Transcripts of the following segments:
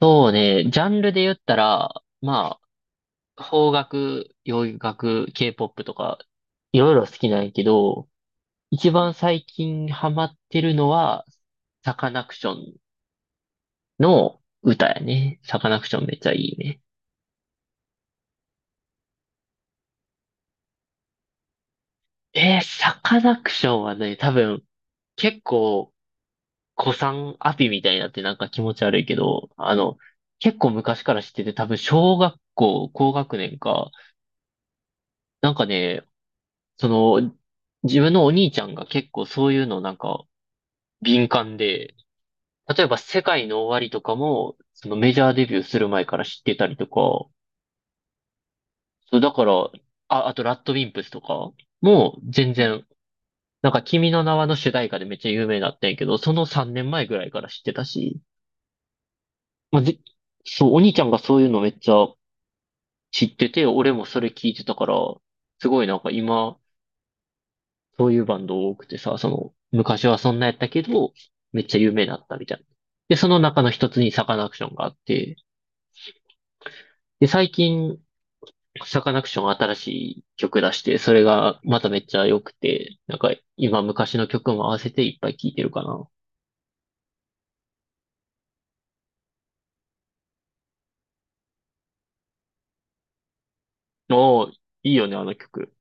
そうね、ジャンルで言ったら、まあ、邦楽、洋楽、K-POP とか、いろいろ好きなんやけど、一番最近ハマってるのは、サカナクションの歌やね。サカナクションめっちゃいいね。サカナクションはね、多分、結構、古参アピみたいになってなんか気持ち悪いけど、あの、結構昔から知ってて、多分小学校、高学年か。なんかね、その、自分のお兄ちゃんが結構そういうのなんか敏感で、例えば世界の終わりとかも、そのメジャーデビューする前から知ってたりとか。そうだから、あ、あとラッドウィンプスとかも全然、なんか君の名はの主題歌でめっちゃ有名だったんやけど、その3年前ぐらいから知ってたし、まあ、そう、お兄ちゃんがそういうのめっちゃ知ってて、俺もそれ聞いてたから。すごいなんか今、そういうバンド多くてさ、その、昔はそんなやったけど、めっちゃ有名だったみたいな。で、その中の一つにサカナクションがあって、で、最近、サカナクション新しい曲出して、それがまためっちゃ良くて、なんか今昔の曲も合わせていっぱい聴いてるかな。おー、いいよね、あの曲。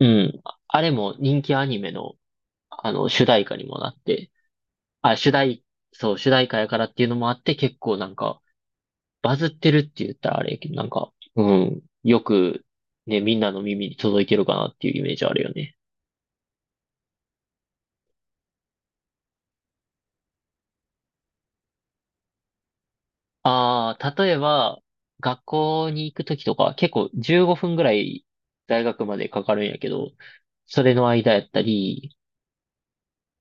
うん。ああれも人気アニメの、あの、主題歌にもなって、あ、主題、そう、主題歌やからっていうのもあって、結構なんか、バズってるって言ったらあれやけど、なんか、うん、よく、ね、みんなの耳に届いてるかなっていうイメージあるよね。ああ、例えば、学校に行くときとか、結構15分ぐらい大学までかかるんやけど、それの間やったり、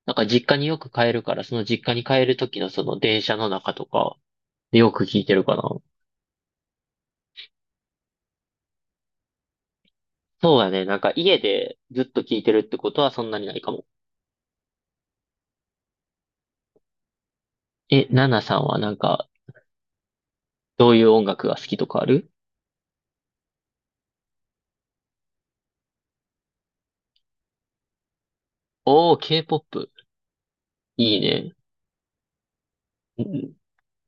なんか実家によく帰るから、その実家に帰るときのその電車の中とか、よく聞いてるかな。そうだね。なんか家でずっと聞いてるってことはそんなにないかも。え、ナナさんはなんか、どういう音楽が好きとかある？おー、K-POP。いいね。ん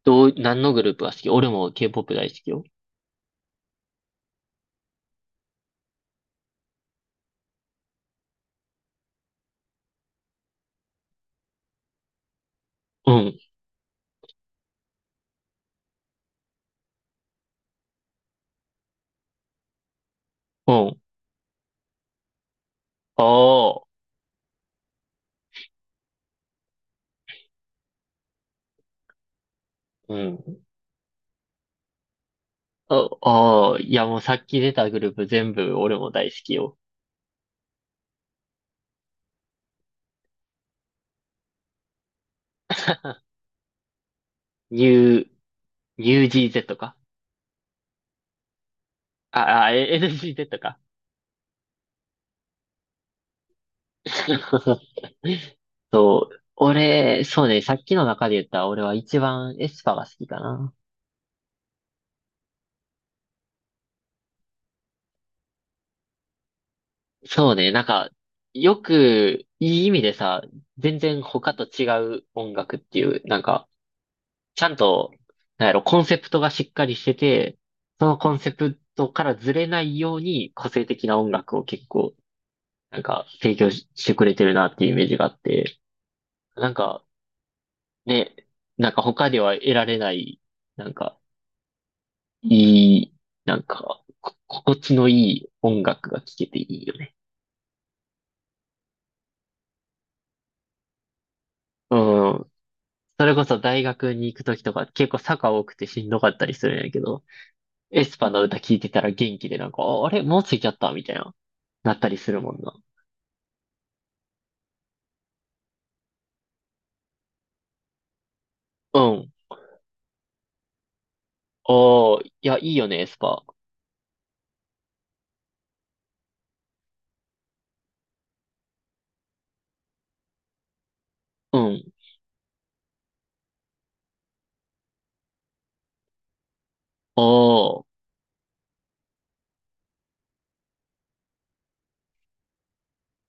どう、何のグループが好き？俺も K-POP 大好きよ。うん、うん。ああ、うん。あ、ああ、いやもうさっき出たグループ全部俺も大好きよ。New、NewGZ か？あ、あ、え、 NGZ か。そう。俺、そうね、さっきの中で言った俺は一番エスパーが好きかな。そうね、なんか、よく、いい意味でさ、全然他と違う音楽っていう、なんか、ちゃんと、なんやろ、コンセプトがしっかりしてて、そのコンセプトからずれないように個性的な音楽を結構、なんか提供ししてくれてるなっていうイメージがあって、なんかね、なんか他では得られない、なんかいい、なんか、心地のいい音楽が聴けていいよね。うん。それこそ大学に行くときとか結構坂多くてしんどかったりするんやけど、エスパの歌聴いてたら元気でなんか、ああれもう着いちゃったみたいな、なったりするもんな。うん。おー、いや、いいよね、エスパー。うん。おー、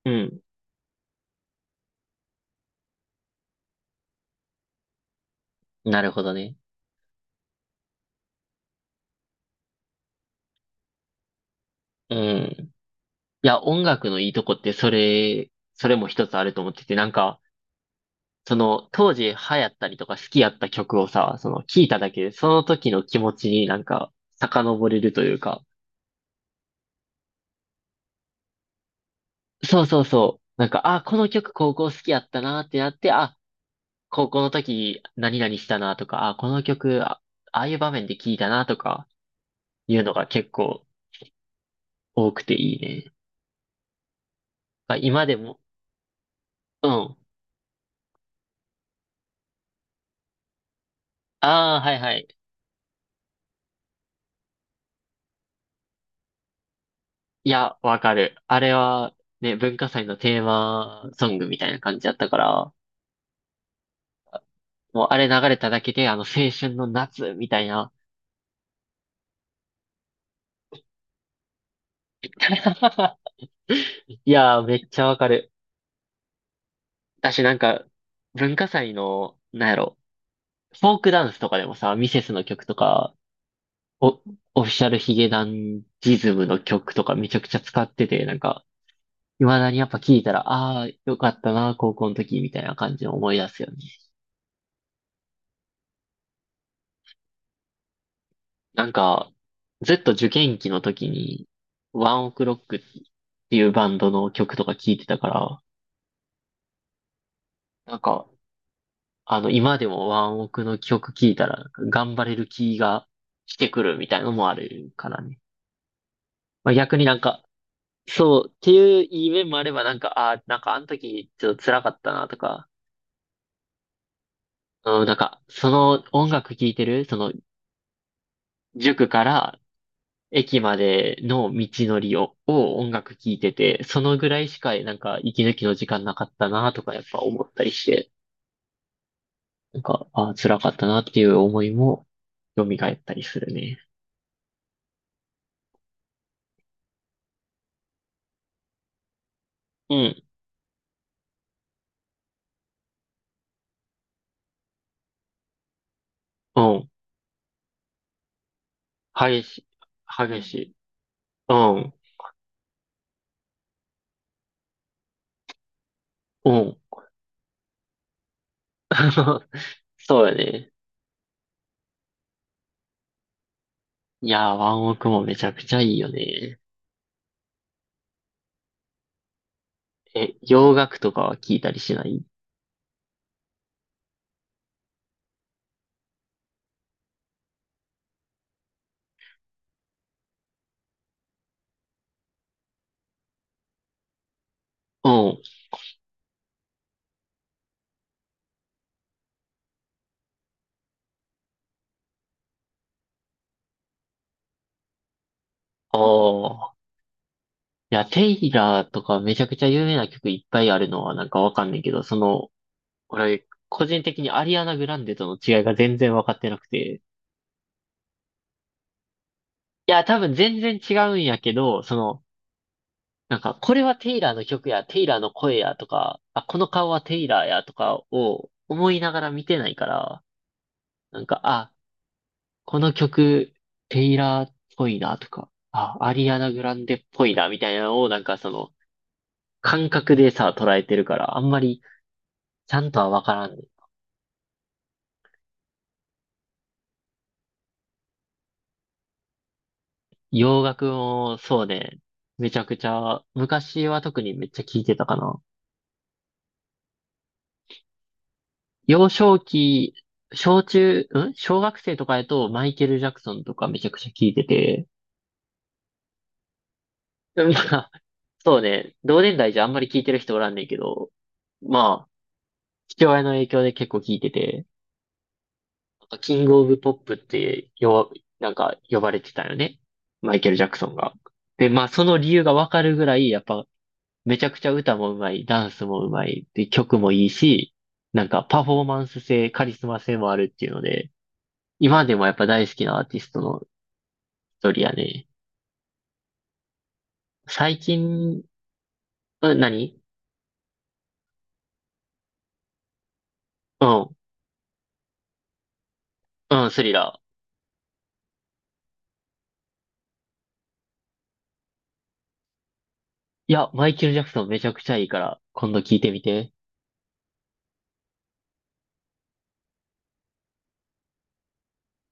うん。なるほどね。うん。いや、音楽のいいとこって、それも一つあると思ってて、なんか、その、当時流行ったりとか好きやった曲をさ、その、聴いただけで、その時の気持ちになんか、遡れるというか。そうそうそう。なんか、あ、この曲高校好きやったなってなって、あ、高校の時何々したなとか、あ、この曲、あ、ああいう場面で聴いたなとか、いうのが結構多くていいね。あ、今でも、うん。ああ、はいはい。いや、わかる。あれは、ね、文化祭のテーマソングみたいな感じだったから、もうあれ流れただけで、あの、青春の夏みたいな。いやー、めっちゃわかる。私なんか、文化祭の、なんやろ、フォークダンスとかでもさ、ミセスの曲とか、お、オフィシャルヒゲダンジズムの曲とかめちゃくちゃ使ってて、なんか、未だにやっぱ聞いたら、ああ、よかったな、高校の時みたいな感じを思い出すよね。なんか、受験期の時に、ワンオクロックっていうバンドの曲とか聴いてたから、なんか、あの、今でもワンオクの曲聴いたら、なんか頑張れる気がしてくるみたいなのもあるからね。まあ、逆になんか、そうっていういい面もあれば、なんか、ああ、なんかあの時ちょっと辛かったなとか、うん、なんか、その音楽聴いてる、その塾から駅までの道のりを、音楽聴いてて、そのぐらいしかなんか息抜きの時間なかったなとかやっぱ思ったりして、なんか、あー、辛かったなっていう思いも蘇ったりするね。うん、うん、激しい、激しい。うん、うん。そうやね。いやー、ワンオクもめちゃくちゃいいよね。え、洋楽とかは聞いたりしない？うん。ああ、いや、テイラーとかめちゃくちゃ有名な曲いっぱいあるのはなんかわかんないけど、その俺、個人的にアリアナ・グランデとの違いが全然分かってなくて。いや、多分全然違うんやけど、その、なんか、これはテイラーの曲や、テイラーの声やとか、あ、この顔はテイラーやとかを思いながら見てないから、なんか、あ、この曲、テイラーっぽいなとか、あ、アリアナ・グランデっぽいなみたいなのを、なんかその、感覚でさ、捉えてるから、あんまり、ちゃんとは分からんね。洋楽も、そうね、めちゃくちゃ、昔は特にめっちゃ聴いてたかな。幼少期、小中、ん小学生とかやとマイケル・ジャクソンとかめちゃくちゃ聞いてて、まあ、そうね、同年代じゃあんまり聞いてる人おらんねんけど、まあ、父親の影響で結構聞いてて、キング・オブ・ポップってよ、なんか呼ばれてたよね。マイケル・ジャクソンが。で、まあその理由がわかるぐらい、やっぱめちゃくちゃ歌もうまい、ダンスもうまい、で、曲もいいし、なんかパフォーマンス性、カリスマ性もあるっていうので、今でもやっぱ大好きなアーティストの一人やね。最近、うん、何？うん、うん、スリラー。いや、マイケル・ジャクソンめちゃくちゃいいから、今度聞いてみて。